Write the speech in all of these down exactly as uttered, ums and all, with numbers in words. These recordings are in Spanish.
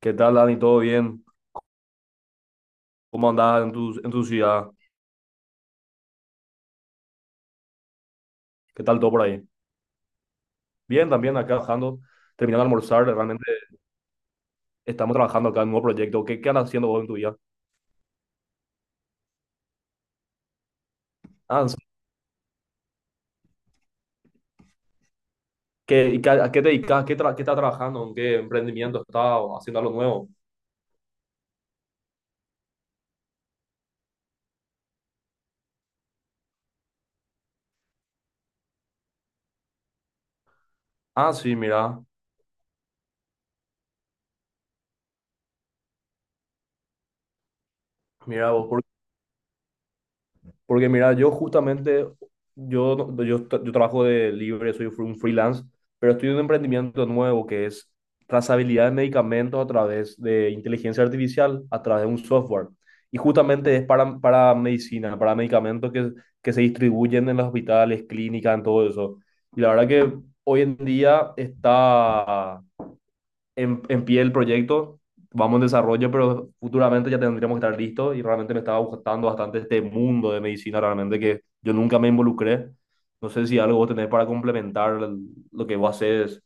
¿Qué tal, Dani? ¿Todo bien? ¿Cómo andás en tu, en tu ciudad? ¿Qué tal todo por ahí? Bien, también acá trabajando, terminando de almorzar. Realmente estamos trabajando acá en un nuevo proyecto. ¿Qué, qué andas haciendo vos en tu vida? Ah, ¿en serio? ¿Qué, y qué- a qué te dedicas? ¿Qué, tra- qué estás trabajando? ¿En qué emprendimiento estás? ¿O haciendo algo nuevo? Ah, sí, mira. Mira vos. Porque mira, yo justamente, yo, no- yo, tra- yo trabajo de libre, soy un freelance, pero estoy en un emprendimiento nuevo que es trazabilidad de medicamentos a través de inteligencia artificial, a través de un software. Y justamente es para, para medicina, para medicamentos que, que se distribuyen en los hospitales, clínicas, en todo eso. Y la verdad que hoy en día está en, en pie el proyecto, vamos en desarrollo, pero futuramente ya tendríamos que estar listos y realmente me estaba gustando bastante este mundo de medicina, realmente que yo nunca me involucré. No sé si algo vos tenés para complementar el- lo que vos haces,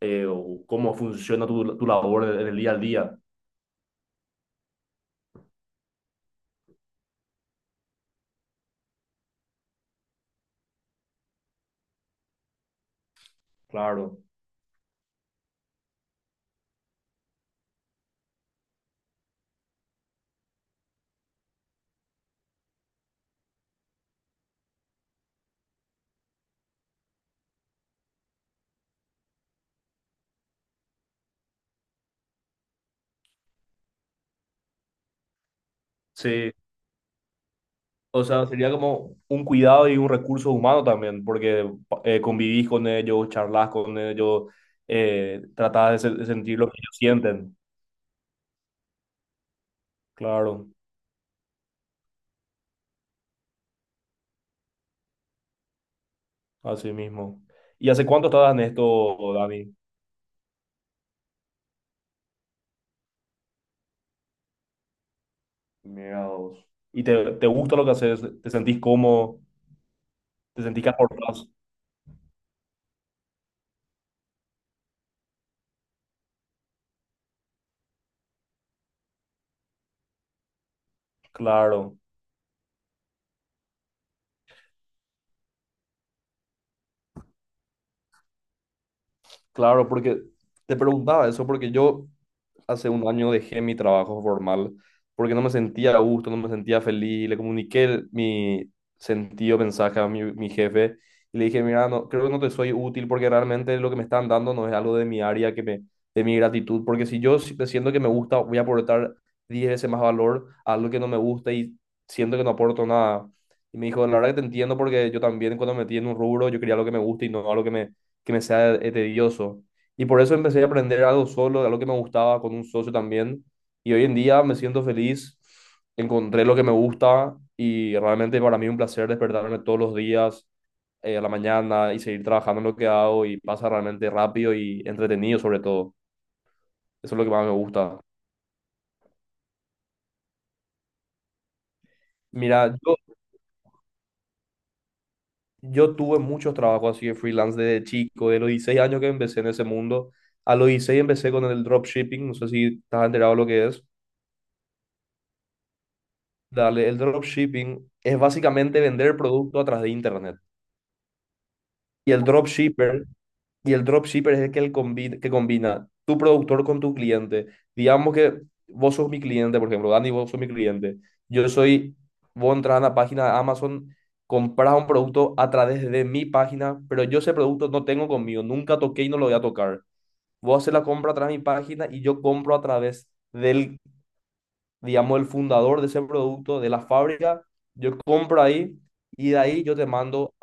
eh, o cómo funciona tu, tu labor en el día al día. Claro. Sí, o sea, sería como un cuidado y un recurso humano también, porque eh, convivís con ellos, charlas con ellos, eh, tratás de se- de sentir lo que ellos sienten. Claro. Así mismo. ¿Y hace cuánto estás en esto, Dani? Mira vos. ¿Y te, te gusta lo que haces? ¿Te sentís cómo? ¿Te sentís que aportás? Claro. Claro, porque te preguntaba eso, porque yo hace un año dejé mi trabajo formal, porque no me sentía a gusto, no me sentía feliz, le comuniqué el- mi sentido, mensaje a mi, mi jefe y le dije, mira, no, creo que no te soy útil porque realmente lo que me están dando no es algo de mi área, que me, de mi gratitud, porque si yo si- siento que me gusta, voy a aportar diez veces más valor a algo que no me gusta y siento que no aporto nada. Y me dijo, la verdad que te entiendo porque yo también cuando me metí en un rubro, yo quería lo que me gusta y no algo que me que me sea eh, tedioso. Y por eso empecé a aprender algo solo, algo que me gustaba con un socio también. Y hoy en día me siento feliz, encontré lo que me gusta y realmente para mí es un placer despertarme todos los días eh, a la mañana y seguir trabajando en lo que hago y pasa realmente rápido y entretenido sobre todo. Eso es lo que más me gusta. Mira, yo, yo tuve muchos trabajos así de freelance desde chico, de los dieciséis años que empecé en ese mundo. A los dieciséis empecé con el dropshipping, no sé si estás enterado de lo que es. Dale, el dropshipping es básicamente vender producto a través de internet. Y el dropshipper, y el dropshipper es el que, el combi- que combina tu productor con tu cliente. Digamos que vos sos mi cliente, por ejemplo, Dani, vos sos mi cliente. Yo soy, Vos entras a la página de Amazon, compras un producto a través de mi página, pero yo ese producto no tengo conmigo, nunca toqué y no lo voy a tocar. Vos haces la compra a través de mi página y yo compro a través del, digamos, el fundador de ese producto, de la fábrica. Yo compro ahí y de ahí yo te mando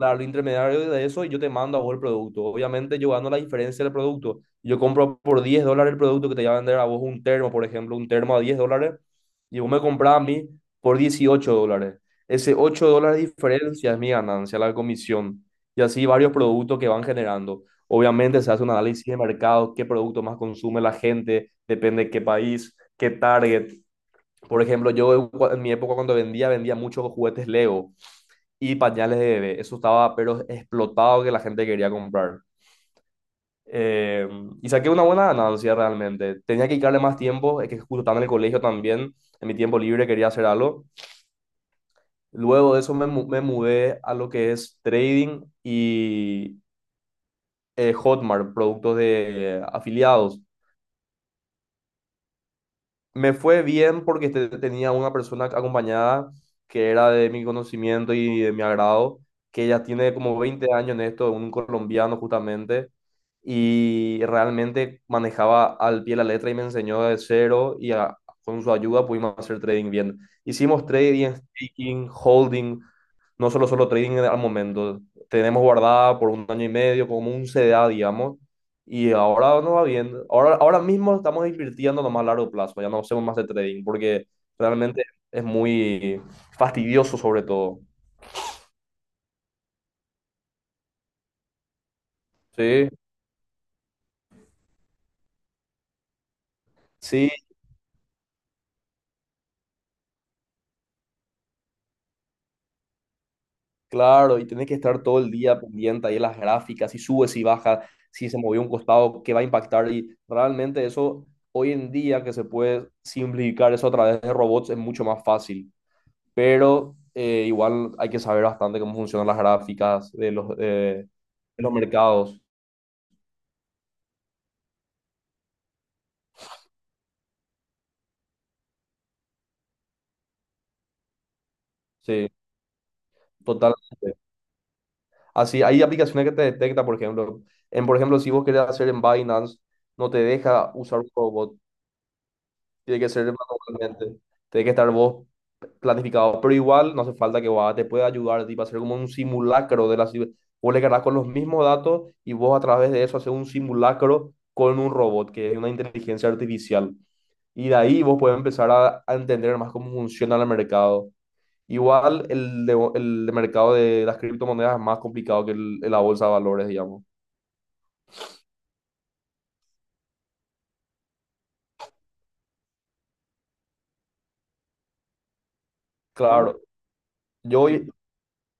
al intermediario de eso y yo te mando a vos el producto. Obviamente yo gano la diferencia del producto. Yo compro por diez dólares el producto que te va a vender a vos un termo, por ejemplo, un termo a diez dólares y vos me compras a mí por dieciocho dólares. Ese ocho dólares de diferencia es mi ganancia, la comisión. Y así varios productos que van generando. Obviamente se hace un análisis de mercado, qué producto más consume la gente, depende de qué país, qué target. Por ejemplo, yo en mi época cuando vendía, vendía muchos juguetes Lego y pañales de bebé. Eso estaba, pero explotado, que la gente quería comprar. Eh, y saqué una buena ganancia realmente. Tenía que dedicarle más tiempo, es que justo estaba en el colegio también, en mi tiempo libre quería hacer algo. Luego de eso me, mu- me mudé a lo que es trading y eh, Hotmart, productos de eh, afiliados. Me fue bien porque este- tenía una persona acompañada que era de mi conocimiento y de mi agrado, que ella tiene como veinte años en esto, un colombiano justamente, y realmente manejaba al pie la letra y me enseñó de cero y a- con su ayuda pudimos hacer trading bien. Hicimos trading, staking, holding, no solo solo trading al momento. Tenemos guardada por un año y medio como un C D A, digamos, y ahora no va bien. Ahora, ahora mismo estamos invirtiendo nomás a largo plazo. Ya no hacemos más de trading porque realmente es muy fastidioso sobre todo. Sí, sí, claro. Y tenés que estar todo el día pendiente ahí de las gráficas, si sube, si baja, si se movió un costado, qué va a impactar. Y realmente eso, hoy en día que se puede simplificar eso a través de robots, es mucho más fácil. Pero eh, igual hay que saber bastante cómo funcionan las gráficas de los, eh, de los mercados. Sí. Totalmente. Así, hay aplicaciones que te detecta. Por ejemplo, en por ejemplo, si vos querés hacer en Binance, no te deja usar un robot, tiene que ser manualmente, tiene que estar vos planificado, pero igual no hace falta que vos te pueda ayudar, tipo, hacer como un simulacro de la ciber- Vos le cargas con los mismos datos y vos a través de eso haces un simulacro con un robot, que es una inteligencia artificial. Y de ahí vos puedes empezar a, a entender más cómo funciona el mercado. Igual el, de- el mercado de las criptomonedas es más complicado que el, la bolsa de valores, digamos. Mm, claro, yo hoy,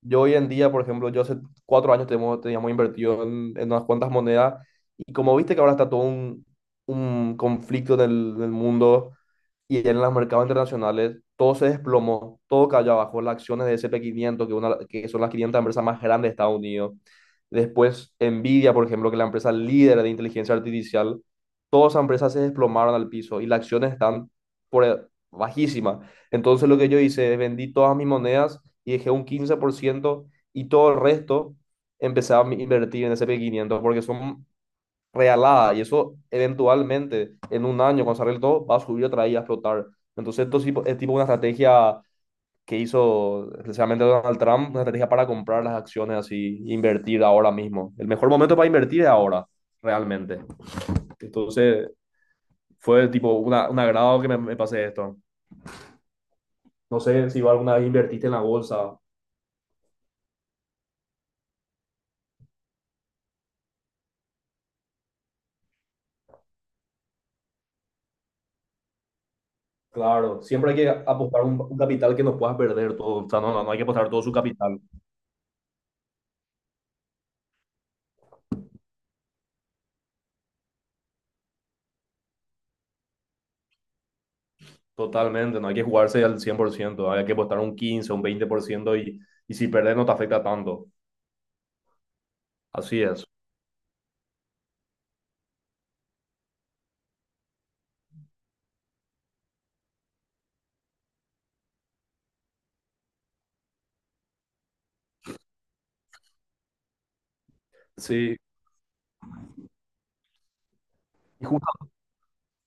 yo hoy en día, por ejemplo, yo hace cuatro años tenemos- teníamos invertido en, en unas cuantas monedas, y como viste que ahora está todo un, un conflicto en el, en el mundo, y en los mercados internacionales todo se desplomó, todo cayó abajo, las acciones de S y P quinientos, que, una, que son las quinientas empresas más grandes de Estados Unidos. Después Nvidia, por ejemplo, que es la empresa líder de inteligencia artificial, todas esas empresas se desplomaron al piso y las acciones están por e- bajísimas. Entonces, lo que yo hice es vendí todas mis monedas y dejé un quince por ciento, y todo el resto empecé a mi- invertir en S y P quinientos porque son realada, y eso eventualmente en un año, cuando se arregle todo, va a subir otra vez y a explotar. Entonces esto es tipo, es tipo una estrategia que hizo especialmente Donald Trump, una estrategia para comprar las acciones así, invertir ahora mismo. El mejor momento para invertir es ahora, realmente. Entonces fue tipo una, un agrado que me, me pasé esto. No sé si vos alguna vez invertiste en la bolsa. Claro, siempre hay que apostar un, un capital que no puedas perder todo. O sea, no, no, no hay que apostar todo su capital. Totalmente, no hay que jugarse al cien por ciento, hay que apostar un quince, un veinte por ciento, y, y si perder no te afecta tanto. Así es. Sí, y, justa-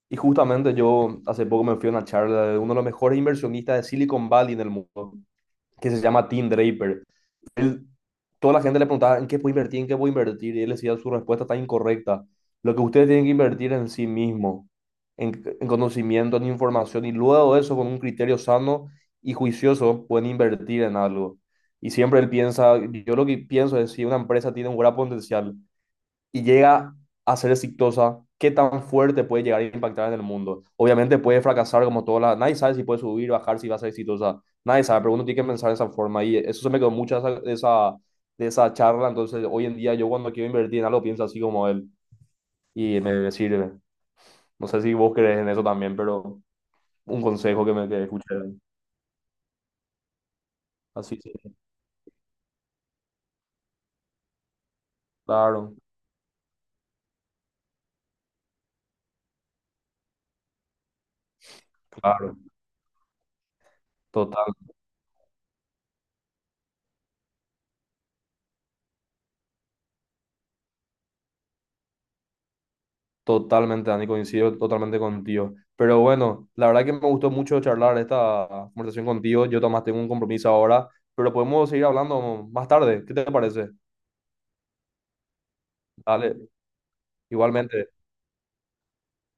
y justamente yo hace poco me fui a una charla de uno de los mejores inversionistas de Silicon Valley en el mundo, que se llama Tim Draper. Él, toda la gente le preguntaba en qué puedo invertir, en qué puedo invertir, y él decía, su respuesta está incorrecta. Lo que ustedes tienen que invertir en sí mismo, en, en conocimiento, en información, y luego de eso, con un criterio sano y juicioso, pueden invertir en algo. Y siempre él piensa, yo lo que pienso es, si una empresa tiene un gran potencial y llega a ser exitosa, ¿qué tan fuerte puede llegar a impactar en el mundo? Obviamente puede fracasar como toda la. Nadie sabe si puede subir, bajar, si va a ser exitosa. Nadie sabe, pero uno tiene que pensar de esa forma. Y eso se me quedó mucho de esa, de esa, de esa charla. Entonces, hoy en día yo, cuando quiero invertir en algo, pienso así como él y me sirve. No sé si vos crees en eso también, pero un consejo que me que escuché. Así, sí. Claro, claro, total. Totalmente, Dani, coincido totalmente contigo. Pero bueno, la verdad que me gustó mucho charlar esta conversación contigo. Yo además tengo un compromiso ahora, pero podemos seguir hablando más tarde. ¿Qué te parece? Dale, igualmente.